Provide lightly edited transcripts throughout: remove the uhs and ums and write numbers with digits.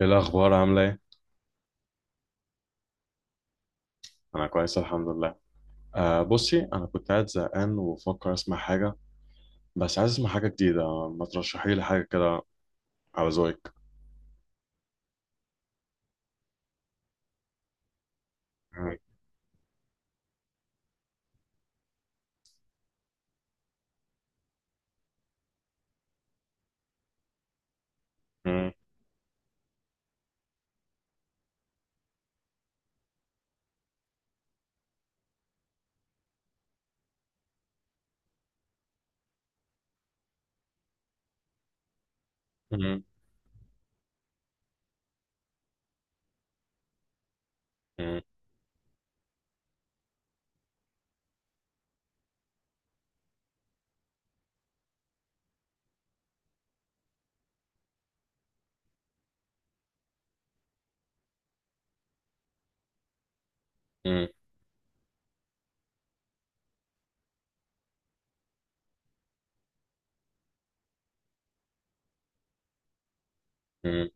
ايه الاخبار؟ عامله ايه؟ انا كويس الحمد لله. بصي، انا كنت قاعد زهقان وبفكر اسمع حاجه. بس عايز اسمع حاجه جديده، ما ترشحي لي حاجه كده على ذوقك؟ مم. مم. مم. مم. مم. مم.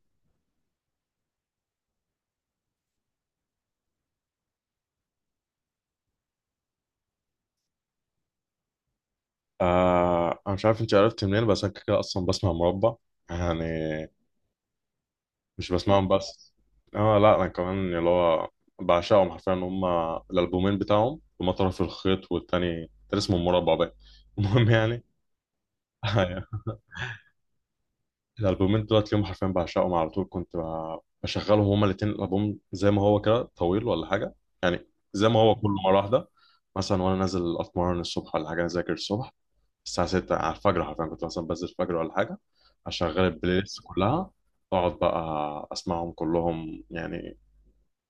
انا مش عارف انت عرفت منين، بس انا كده كده اصلا بسمع مربع يعني. مش بسمعهم بس. اه، لا انا كمان اللي هو بعشقهم حرفيا هم. الالبومين بتاعهم هما طرف الخيط، والتاني كان اسمه مربع بقى. المهم يعني. أيوه. الالبومين دلوقتي اليوم حرفيا بعشقهم على طول، كنت بشغلهم هما الاتنين، الالبوم زي ما هو كده طويل ولا حاجه يعني، زي ما هو كله مره واحده. مثلا وانا نازل اتمرن الصبح ولا حاجه، اذاكر الصبح الساعه 6 على الفجر، حرفيا كنت مثلا بنزل الفجر ولا حاجه اشغل البلاي ليست كلها، واقعد بقى اسمعهم كلهم يعني،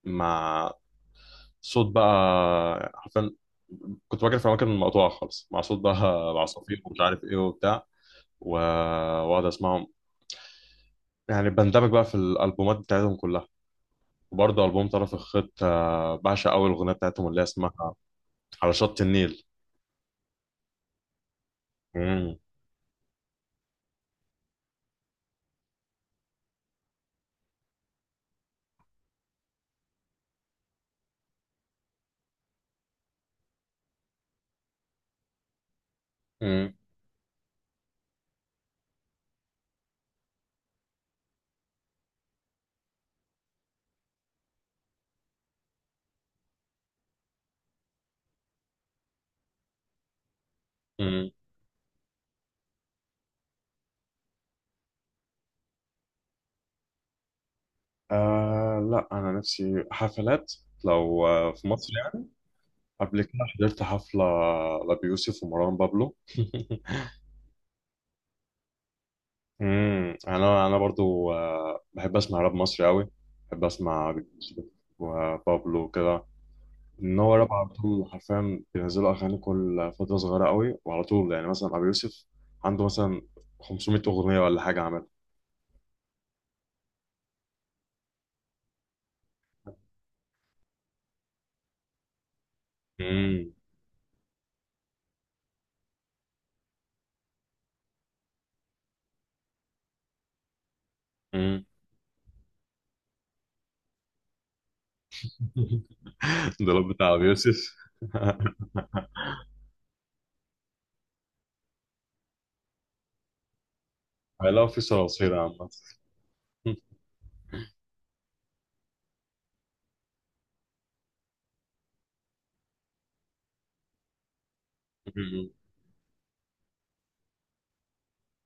مع صوت بقى حرفيا. كنت بجري في اماكن مقطوعه خالص مع صوت بقى عصافير ومش عارف ايه وبتاع و- واقعد اسمعهم يعني، بندمج بقى في الالبومات بتاعتهم كلها. وبرضه البوم طرف الخيط بعشق اول اغنيه بتاعتهم اللي هي اسمها على شط النيل. مم. مم. مم. آه، لا انا نفسي حفلات لو في مصر يعني. قبل كده حضرت حفله لأبي يوسف ومروان بابلو. مم. انا برضو بحب اسمع راب مصري قوي. بحب اسمع أبي يوسف وبابلو كده. ان هو راب على طول حرفيا، بينزلوا اغاني كل فتره صغيره قوي وعلى طول يعني، مثلا ابو يوسف عنده مثلا 500 اغنيه ولا حاجه عملها. امم. امم. ده لو بتاع ابو يوسف. علاقه في صراصير عامه.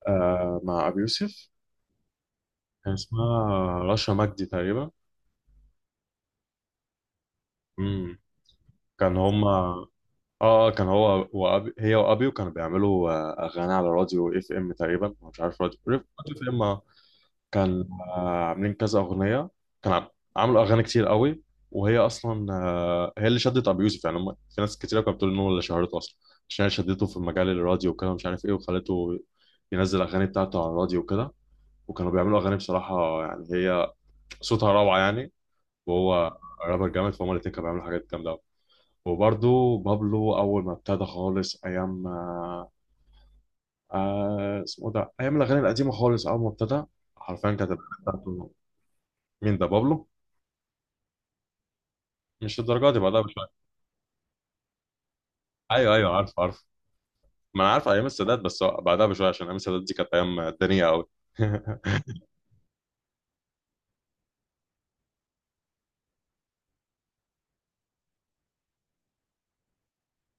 مع ابو يوسف، كان اسمها رشا مجدي تقريبا. امم. كان هما كان هو وأبي هي وابيو كانوا بيعملوا اغاني على راديو اف ام تقريبا، مش عارف راديو اف ام، كان عاملين كذا اغنيه. كان عم- عملوا اغاني كتير قوي. وهي اصلا هي اللي شدت ابو يوسف يعني، هم في ناس كتير كانت بتقول ان هو اللي شهرته اصلا، عشان هي شدته في مجال الراديو وكده مش عارف ايه، وخلته ينزل اغاني بتاعته على الراديو وكده. وكانوا بيعملوا اغاني بصراحه يعني، هي صوتها روعه يعني، وهو رابر جامد، فهم الاتنين كانوا بيعملوا حاجات جامده أوي. وبرضه بابلو اول ما ابتدى خالص، ايام اسمه ده، ايام الاغاني القديمه خالص، اول ما ابتدى حرفيا كانت الأغاني بتاعته. مين ده، بابلو؟ مش الدرجه دي، بعدها بشويه. ايوه ايوه، عارف عارف، ما انا عارف ايام السادات، بس هو بعدها بشويه، عشان ايام السادات دي كانت ايام الدنيا قوي.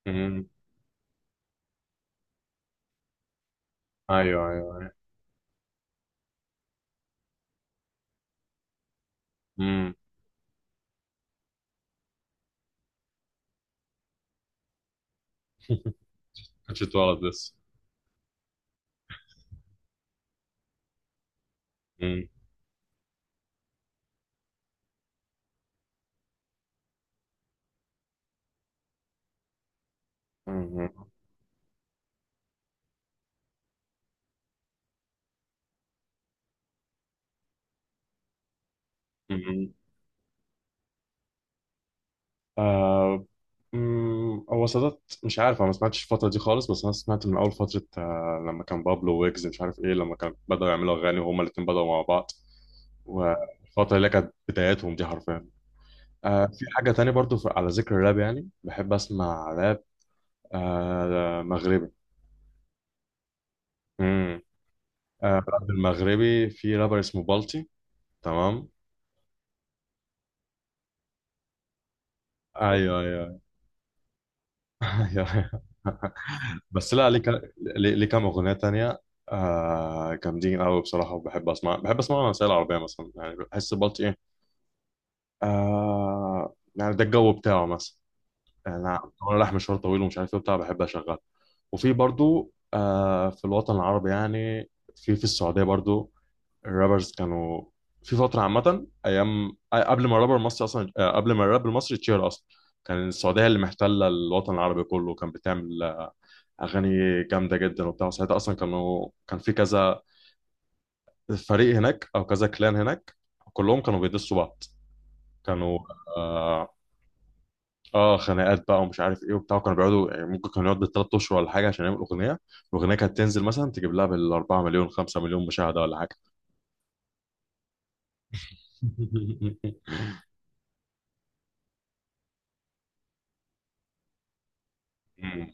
امم. ايوه ايوه. امم. كنتش اتولد لسه. امم. امم. امم. آه، هو سادات مش عارف، انا ما سمعتش الفتره دي خالص، بس انا سمعت من اول فتره لما كان بابلو ويجز مش عارف ايه، لما كان بداوا يعملوا اغاني وهما الاثنين بداوا مع بعض، والفتره اللي كانت بداياتهم دي حرفيا. في حاجه تانية برضو على ذكر الراب يعني بحب اسمع راب. ده مغربي. امم. راب المغربي في رابر اسمه بالتي. تمام. ايوه ايوه. ايوه. بس لا ليه ك- ليه ليه كام اغنيه تانية جامدين قوي بصراحه. وبحب اسمع بحب اسمع الروسيه العربيه مثلا، يعني بحس بالتي ايه يعني ده الجو بتاعه مثلا، يعني انا وانا رايح مشوار طويل ومش عارف ايه بتاع بحب اشغل. وفي برضو في الوطن العربي يعني، في السعوديه برضو، الرابرز كانوا في فترة عامة أيام قبل ما الرابر المصري أصلا، قبل ما الراب المصري يتشهر أصلا، كان السعودية اللي محتلة الوطن العربي كله، كان بتعمل أغاني جامدة جدا وبتاع. ساعتها أصلا كانوا، كان في كذا فريق هناك أو كذا كلان هناك، كلهم كانوا بيدسوا بعض، كانوا آه, خناقات بقى ومش عارف إيه وبتاع. كانوا بيقعدوا يعني، ممكن كانوا يقعدوا بال3 أشهر ولا حاجة عشان يعملوا أغنية، الأغنية كانت تنزل مثلا تجيب لها بال4 مليون 5 مليون مشاهدة ولا حاجة. مم.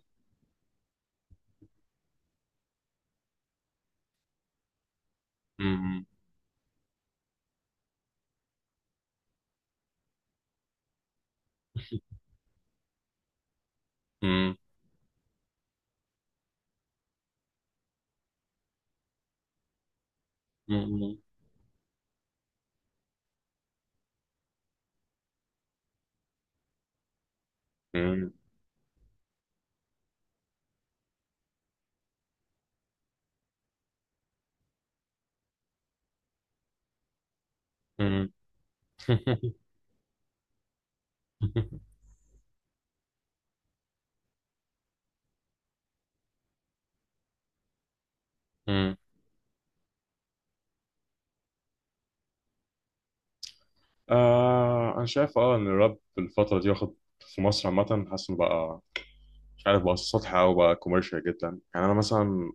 مم. مم. مم. مم. مم. انا شايف ان الراب في الفتره دي واخد في مصر عامه، حاسس انه بقى مش عارف بقى سطحي او بقى كوميرشال جدا يعني. انا مثلا،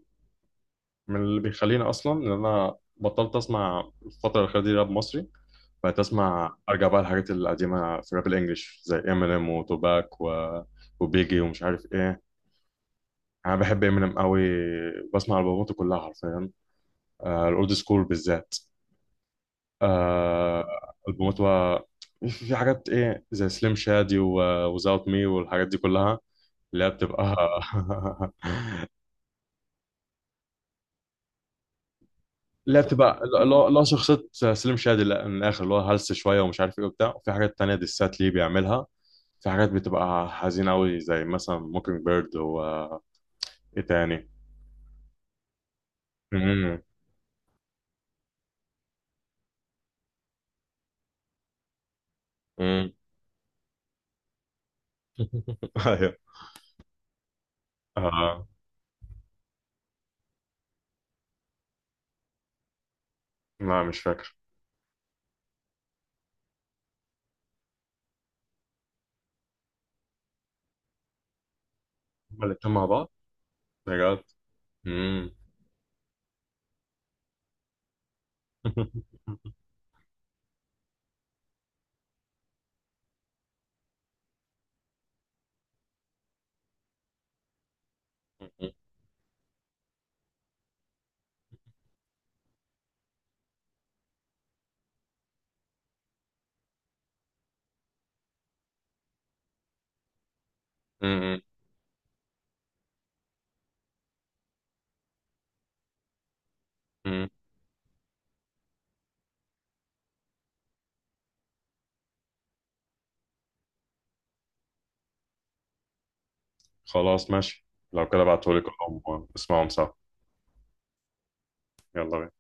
من اللي بيخليني اصلا ان انا بطلت اسمع الفتره الاخيره دي راب مصري، بقيت اسمع، ارجع بقى الحاجات القديمه في الراب الانجليش زي امينيم وتوباك و... وبيجي ومش عارف ايه. انا بحب امينيم قوي، بسمع البوماته كلها حرفيا، الاولد سكول بالذات. آه البومات بقى في حاجات ايه زي سليم شادي وزاوت مي والحاجات دي كلها، اللي هي بتبقى اللي هي بتبقى اللي هو اللي هو شخصية سليم شادي. لا، من الآخر اللي هو هلس شوية ومش عارف ايه وبتاع. وفي حاجات تانية ديسات ليه بيعملها، في حاجات بتبقى حزينة أوي زي مثلا موكينج بيرد و ايه تاني. مم. مم. ايوه. آه. لا مش فاكر. هما الاتنين مع بعض. بجد. مم. مم. مم. خلاص ماشي، لو كده بعتهولي كلهم واسمعهم سوا. يلا بينا.